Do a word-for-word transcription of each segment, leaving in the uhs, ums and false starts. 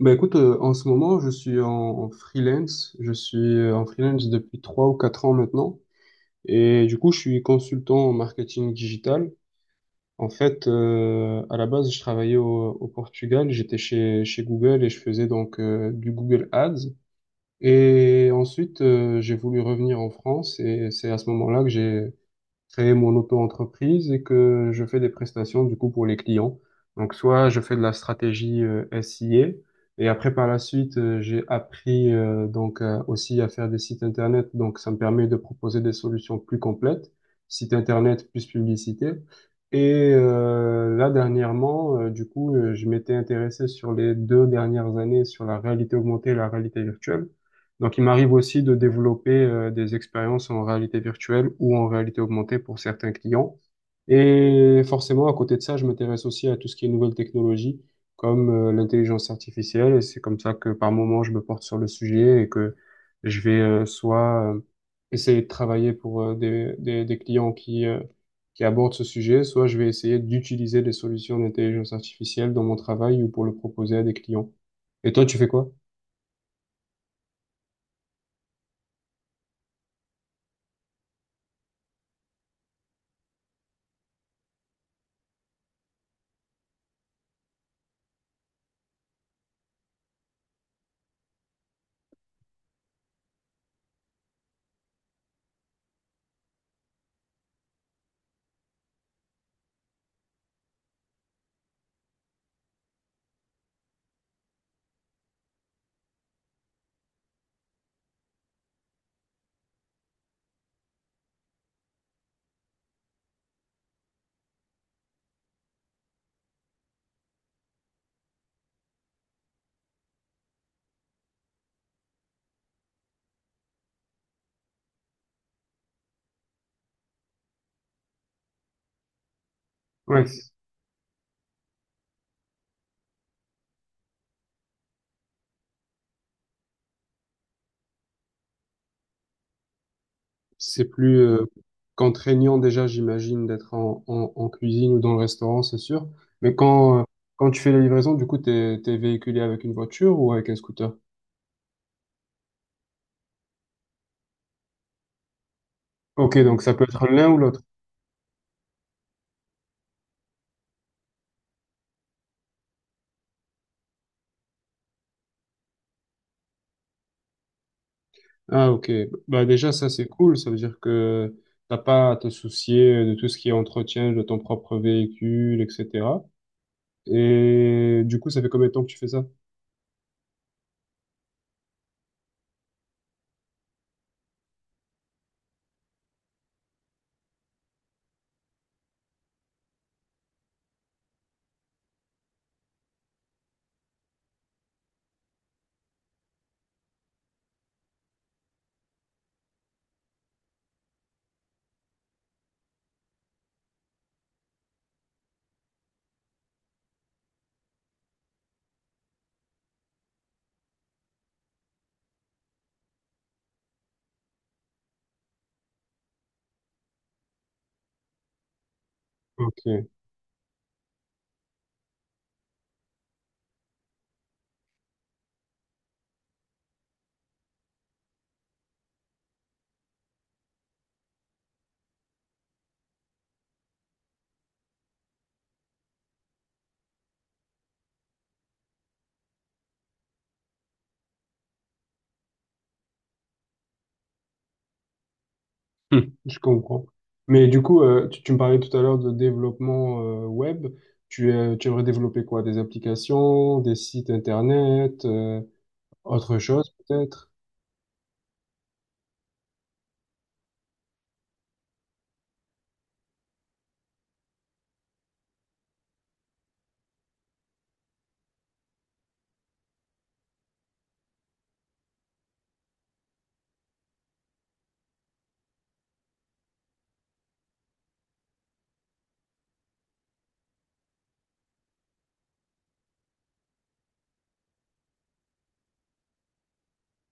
Bah écoute, euh, en ce moment, je suis en, en freelance. Je suis euh, en freelance depuis trois ou quatre ans maintenant. Et du coup, je suis consultant en marketing digital. En fait, euh, à la base, je travaillais au, au Portugal. J'étais chez, chez Google et je faisais donc euh, du Google Ads. Et ensuite, euh, j'ai voulu revenir en France et c'est à ce moment-là que j'ai créer mon auto-entreprise et que je fais des prestations du coup pour les clients. Donc soit je fais de la stratégie euh, S I A et après par la suite euh, j'ai appris euh, donc euh, aussi à faire des sites internet donc ça me permet de proposer des solutions plus complètes, site internet plus publicité. Et euh, là dernièrement euh, du coup euh, je m'étais intéressé sur les deux dernières années sur la réalité augmentée et la réalité virtuelle. Donc, il m'arrive aussi de développer euh, des expériences en réalité virtuelle ou en réalité augmentée pour certains clients. Et forcément, à côté de ça, je m'intéresse aussi à tout ce qui est nouvelles technologies, comme euh, l'intelligence artificielle. Et c'est comme ça que par moment, je me porte sur le sujet et que je vais euh, soit euh, essayer de travailler pour euh, des, des, des clients qui, euh, qui abordent ce sujet, soit je vais essayer d'utiliser des solutions d'intelligence artificielle dans mon travail ou pour le proposer à des clients. Et toi, tu fais quoi? Ouais. C'est plus euh, contraignant déjà, j'imagine, d'être en, en, en cuisine ou dans le restaurant, c'est sûr. Mais quand, euh, quand tu fais la livraison, du coup, t'es, t'es véhiculé avec une voiture ou avec un scooter? Ok, donc ça peut être l'un ou l'autre. Ah, ok. Bah déjà, ça, c'est cool. Ça veut dire que t'as pas à te soucier de tout ce qui est entretien de ton propre véhicule, et cetera. Et du coup, ça fait combien de temps que tu fais ça? Ok. Hmm, je comprends. Mais du coup, euh, tu, tu me parlais tout à l'heure de développement euh, web. Tu, euh, tu aimerais développer quoi? Des applications, des sites internet, euh, autre chose peut-être?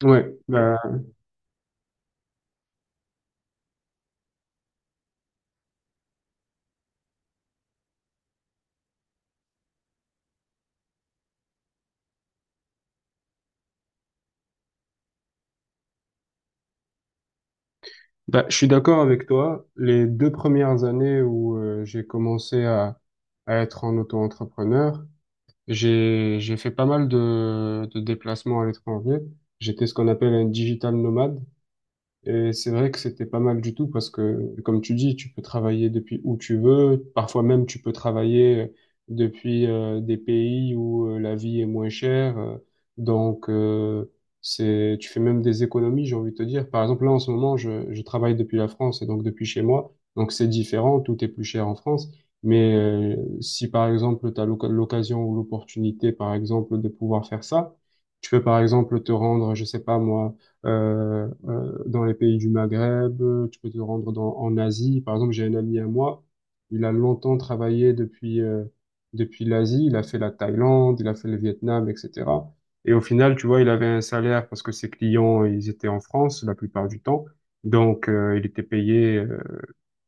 Ouais, bah, bah, je suis d'accord avec toi. Les deux premières années où euh, j'ai commencé à, à être en auto-entrepreneur, j'ai j'ai fait pas mal de, de déplacements à l'étranger. J'étais ce qu'on appelle un digital nomade. Et c'est vrai que c'était pas mal du tout parce que, comme tu dis, tu peux travailler depuis où tu veux. Parfois même, tu peux travailler euh, depuis euh, des pays où euh, la vie est moins chère. Euh, Donc, euh, c'est, tu fais même des économies, j'ai envie de te dire. Par exemple, là, en ce moment, je, je travaille depuis la France et donc depuis chez moi. Donc, c'est différent. Tout est plus cher en France. Mais euh, si, par exemple, tu as l'occasion ou l'opportunité, par exemple, de pouvoir faire ça, tu peux, par exemple, te rendre, je sais pas moi, euh, euh, dans les pays du Maghreb, euh, tu peux te rendre dans, en Asie. Par exemple, j'ai un ami à moi, il a longtemps travaillé depuis, euh, depuis l'Asie, il a fait la Thaïlande, il a fait le Vietnam, et cetera. Et au final, tu vois, il avait un salaire parce que ses clients, ils étaient en France la plupart du temps. Donc, euh, il était payé euh,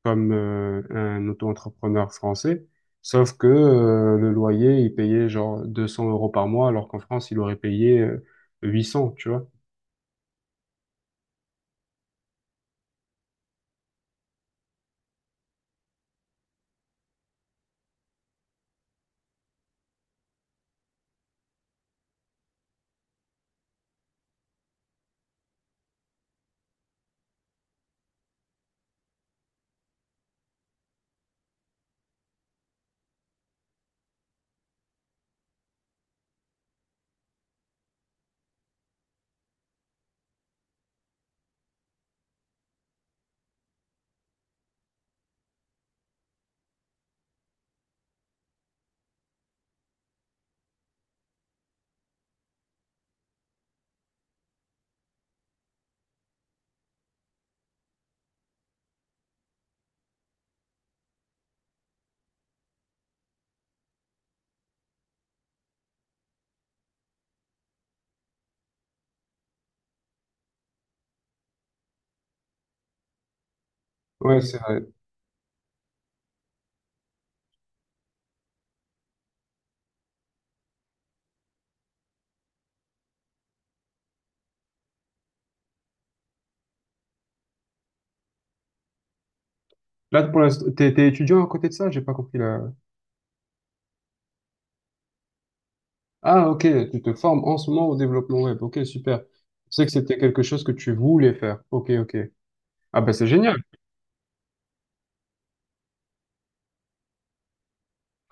comme euh, un auto-entrepreneur français. Sauf que euh, le loyer, il payait genre deux cents euros par mois, alors qu'en France, il aurait payé euh, huit cents, tu vois. Ouais, c'est là, pour l'instant, t'es, t'es étudiant à côté de ça? J'ai pas compris là. Ah, ok, tu te formes en ce moment au développement web. Ok, super. Je sais que c'était quelque chose que tu voulais faire. Ok, ok. Ah, ben c'est génial.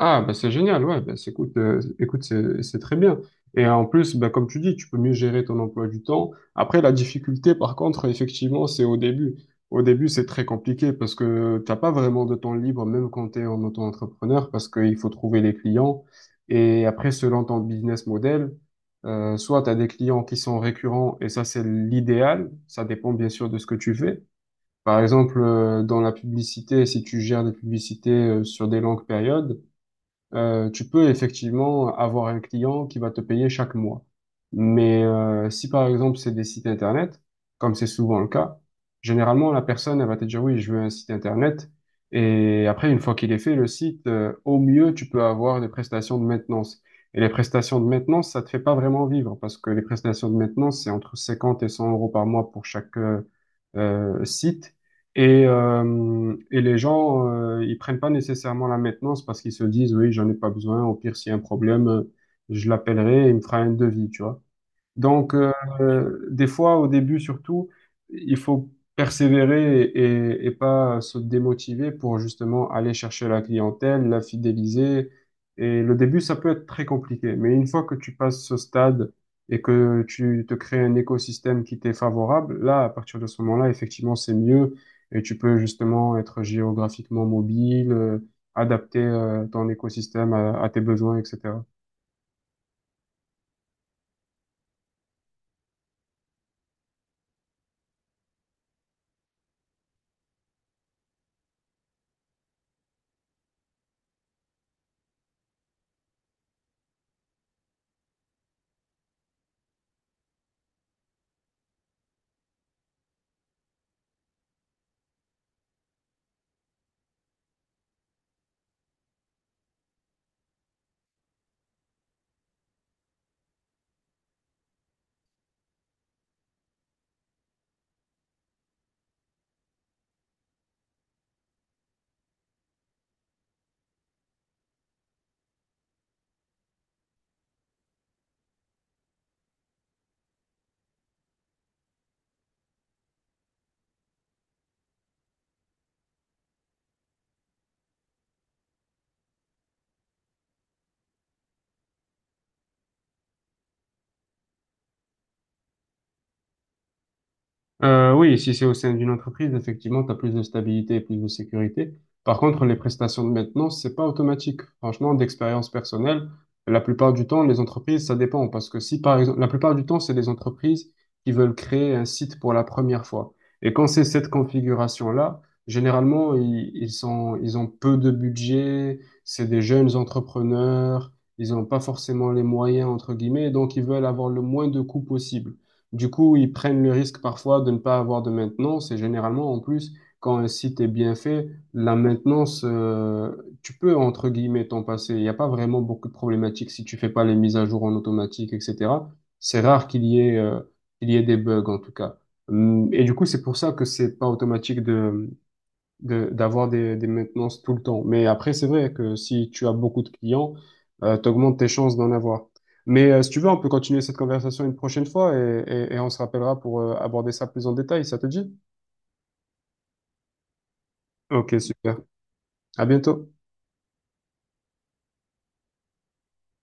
Ah, bah c'est génial, ouais, bah, c'est- écoute, euh, écoute, c'est c'est très bien. Et euh, en plus, bah, comme tu dis, tu peux mieux gérer ton emploi du temps. Après, la difficulté, par contre, effectivement, c'est au début. Au début, c'est très compliqué parce que t'as pas vraiment de temps libre, même quand tu es en auto-entrepreneur, parce qu'il faut trouver les clients. Et après, selon ton business model, euh, soit tu as des clients qui sont récurrents, et ça, c'est l'idéal. Ça dépend bien sûr de ce que tu fais. Par exemple, euh, dans la publicité, si tu gères des publicités euh, sur des longues périodes, euh, tu peux effectivement avoir un client qui va te payer chaque mois. Mais euh, si par exemple c'est des sites internet, comme c'est souvent le cas, généralement la personne elle va te dire oui, je veux un site internet. Et après, une fois qu'il est fait, le site, euh, au mieux, tu peux avoir des prestations de maintenance. Et les prestations de maintenance, ça te fait pas vraiment vivre parce que les prestations de maintenance, c'est entre cinquante et cent euros par mois pour chaque euh, euh, site. Et, euh, et les gens, euh, ils prennent pas nécessairement la maintenance parce qu'ils se disent, oui, j'en ai pas besoin. Au pire, s'il y a un problème, euh, je l'appellerai et il me fera un devis, tu vois. Donc, euh, des fois, au début surtout, il faut persévérer et, et pas se démotiver pour justement aller chercher la clientèle, la fidéliser. Et le début, ça peut être très compliqué. Mais une fois que tu passes ce stade et que tu te crées un écosystème qui t'est favorable, là, à partir de ce moment-là, effectivement, c'est mieux. Et tu peux justement être géographiquement mobile, euh, adapter euh, ton écosystème à, à tes besoins, et cetera. Euh, oui, si c'est au sein d'une entreprise, effectivement, tu as plus de stabilité et plus de sécurité. Par contre, les prestations de maintenance, c'est pas automatique. Franchement, d'expérience personnelle, la plupart du temps, les entreprises, ça dépend. Parce que si, par exemple, la plupart du temps, c'est des entreprises qui veulent créer un site pour la première fois. Et quand c'est cette configuration-là, généralement, ils, ils sont, ils ont peu de budget, c'est des jeunes entrepreneurs, ils n'ont pas forcément les moyens, entre guillemets, donc ils veulent avoir le moins de coûts possible. Du coup, ils prennent le risque parfois de ne pas avoir de maintenance et généralement, en plus, quand un site est bien fait, la maintenance, euh, tu peux, entre guillemets, t'en passer. Il n'y a pas vraiment beaucoup de problématiques si tu fais pas les mises à jour en automatique, et cetera. C'est rare qu'il y ait, euh, qu'il y ait des bugs, en tout cas. Hum, Et du coup, c'est pour ça que c'est pas automatique de, de d'avoir des, des maintenances tout le temps. Mais après, c'est vrai que si tu as beaucoup de clients, euh, t'augmentes tes chances d'en avoir. Mais euh, si tu veux, on peut continuer cette conversation une prochaine fois et, et, et on se rappellera pour euh, aborder ça plus en détail. Ça te dit? Ok, super. À bientôt.